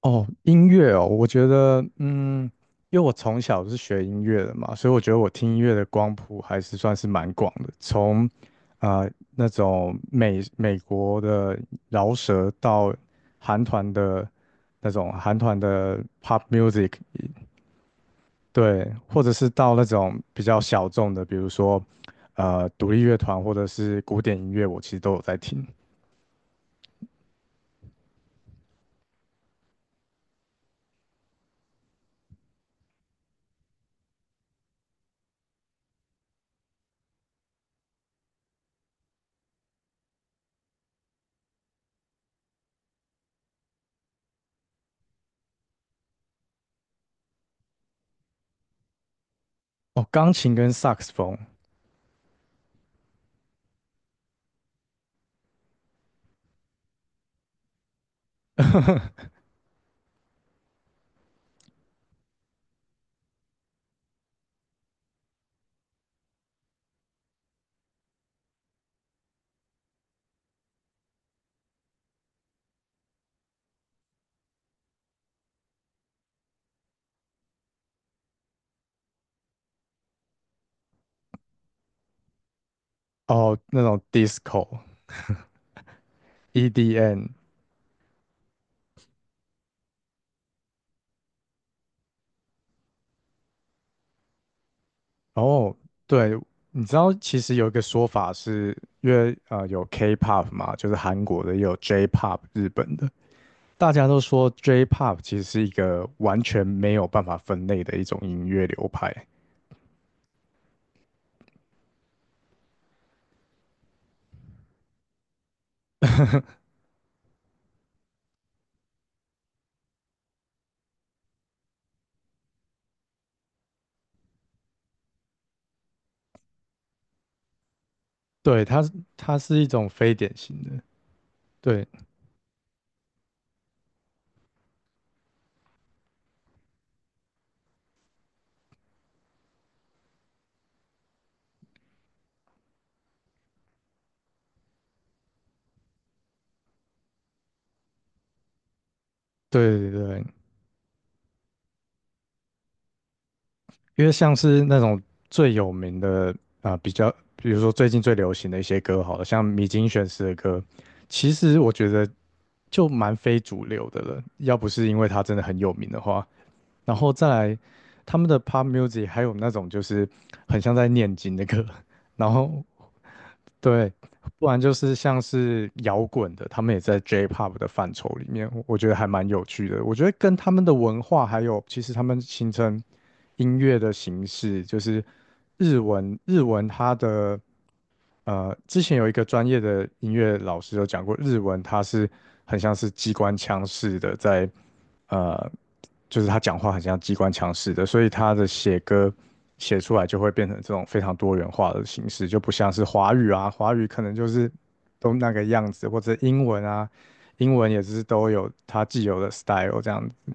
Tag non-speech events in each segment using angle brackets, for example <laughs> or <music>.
哦，音乐哦，我觉得，因为我从小是学音乐的嘛，所以我觉得我听音乐的光谱还是算是蛮广的，从，呃，那种美国的饶舌到韩团的那种韩团的 pop music。对，或者是到那种比较小众的，比如说，独立乐团或者是古典音乐，我其实都有在听。哦，钢琴跟萨克斯风。<laughs> 哦，那种 disco。EDN，哦，对，你知道其实有一个说法是，因为有 K-pop 嘛，就是韩国的，也有 J-pop 日本的，大家都说 J-pop 其实是一个完全没有办法分类的一种音乐流派。对，它是一种非典型的，对对对对。因为像是那种最有名的啊、比较，比如说最近最流行的一些歌，好了，像米津玄师的歌，其实我觉得就蛮非主流的了。要不是因为他真的很有名的话，然后再来他们的 pop music，还有那种就是很像在念经的歌，然后对，不然就是像是摇滚的，他们也在 J-pop 的范畴里面，我觉得还蛮有趣的。我觉得跟他们的文化还有，其实他们形成音乐的形式，就是日文，日文它的呃，之前有一个专业的音乐老师有讲过，日文它是很像是机关枪式的在呃就是他讲话很像机关枪似的，所以他的写歌写出来就会变成这种非常多元化的形式，就不像是华语啊，华语可能就是都那个样子，或者英文啊，英文也是都有它既有的 style 这样子。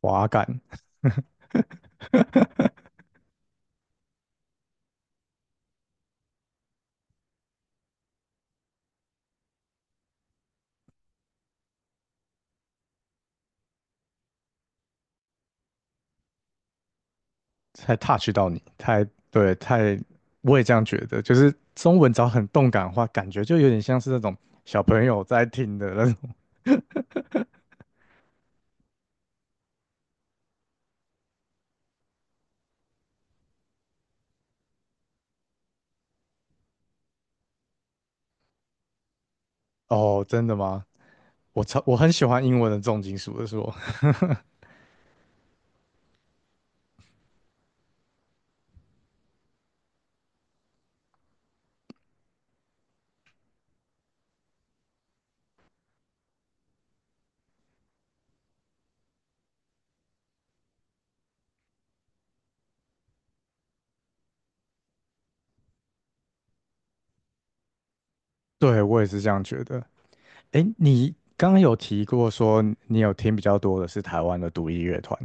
滑感，<laughs> 才 touch 到你，太对，太我也这样觉得，就是中文只要很动感的话，感觉就有点像是那种小朋友在听的那种。哦，真的吗？我很喜欢英文的重金属的说。对，我也是这样觉得。诶，你刚刚有提过说你有听比较多的是台湾的独立乐团，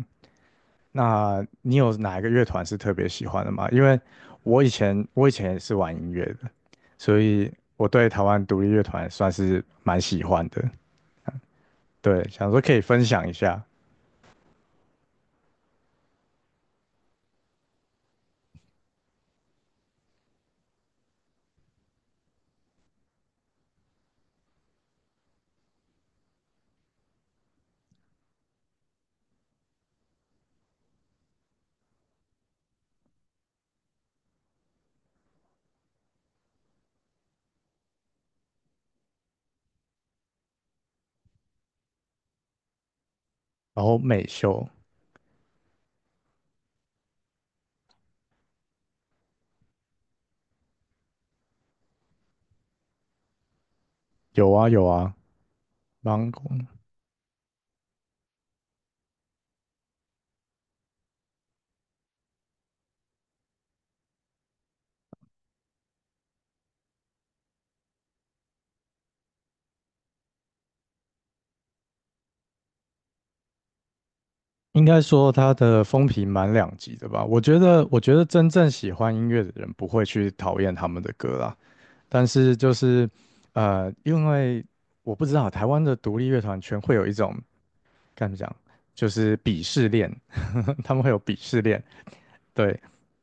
那你有哪一个乐团是特别喜欢的吗？因为我以前也是玩音乐的，所以我对台湾独立乐团算是蛮喜欢的。对，想说可以分享一下。然后美秀有啊有啊芒果 n g o 应该说他的风评蛮两极的吧。我觉得真正喜欢音乐的人不会去讨厌他们的歌啦。但是就是因为我不知道台湾的独立乐团圈会有一种该怎么讲，就是鄙视链，<laughs> 他们会有鄙视链。对，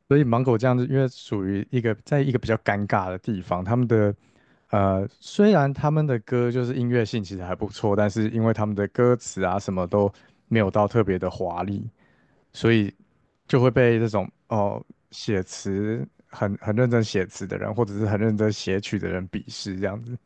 所以芒果这样子，因为属于一个比较尴尬的地方，他们的呃，虽然他们的歌就是音乐性其实还不错，但是因为他们的歌词啊什么都没有到特别的华丽，所以就会被这种哦写词很认真写词的人，或者是很认真写曲的人鄙视这样子。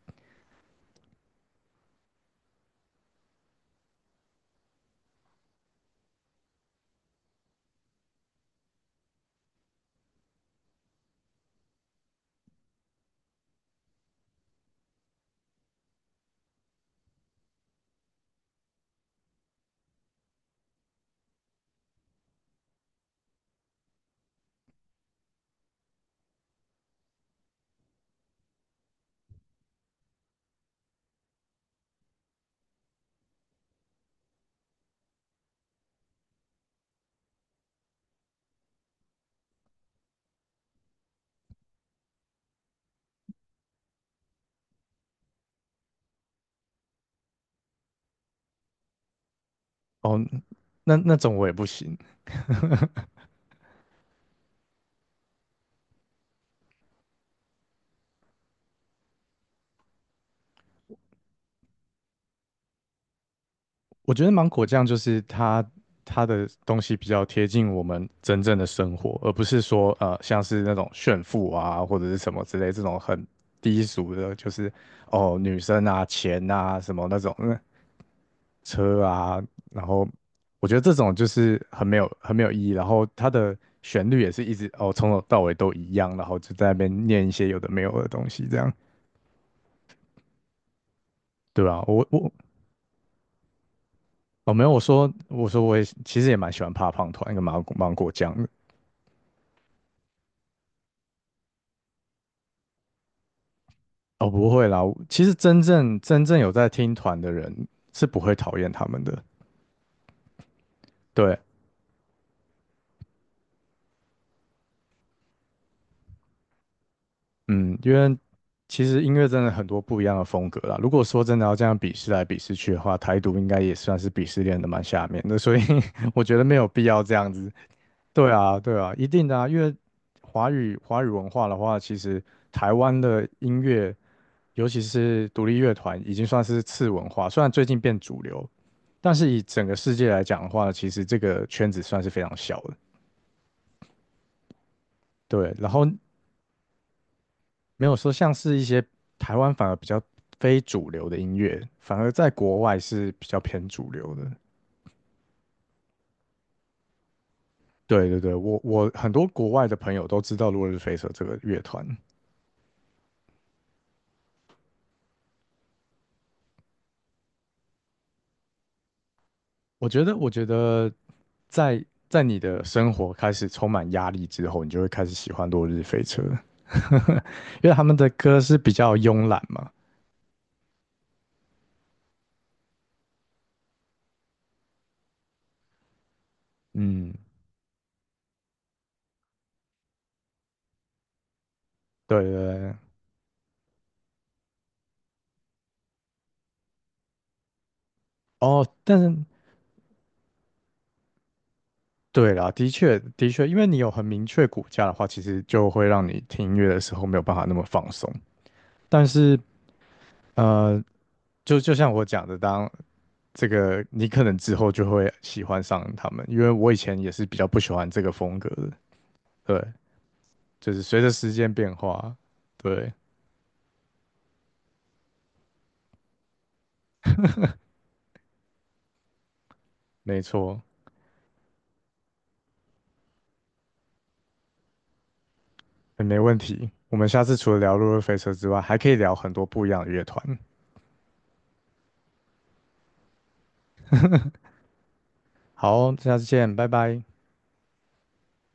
哦，那那种我也不行。我觉得芒果酱就是它的东西比较贴近我们真正的生活，而不是说像是那种炫富啊或者是什么之类这种很低俗的，就是哦女生啊钱啊什么那种嗯车啊，然后我觉得这种就是很没有意义，然后它的旋律也是一直哦从头到尾都一样，然后就在那边念一些有的没有的东西这样。对啊，我哦，没有，我说我也其实也蛮喜欢怕胖团跟芒果酱的。哦，不会啦，其实真正有在听团的人是不会讨厌他们的。对，嗯，因为其实音乐真的很多不一样的风格啦。如果说真的要这样鄙视来鄙视去的话，台独应该也算是鄙视链的蛮下面的，所以 <laughs> 我觉得没有必要这样子。对啊，对啊，一定的啊，因为华语文化的话，其实台湾的音乐，尤其是独立乐团，已经算是次文化，虽然最近变主流，但是以整个世界来讲的话，其实这个圈子算是非常小的。对，然后没有说像是一些台湾反而比较非主流的音乐，反而在国外是比较偏主流的。对对对，我很多国外的朋友都知道落日飞车这个乐团。我觉得在你的生活开始充满压力之后，你就会开始喜欢落日飞车，<laughs> 因为他们的歌是比较慵懒嘛。嗯，对对对。哦，但是对啦，的确的确，因为你有很明确骨架的话，其实就会让你听音乐的时候没有办法那么放松。但是呃，就像我讲的，当这个你可能之后就会喜欢上他们，因为我以前也是比较不喜欢这个风格的，对，就是随着时间变化。对。没错，也没问题。我们下次除了聊《落日飞车》之外，还可以聊很多不一样的乐团。好哦，下次见，拜拜。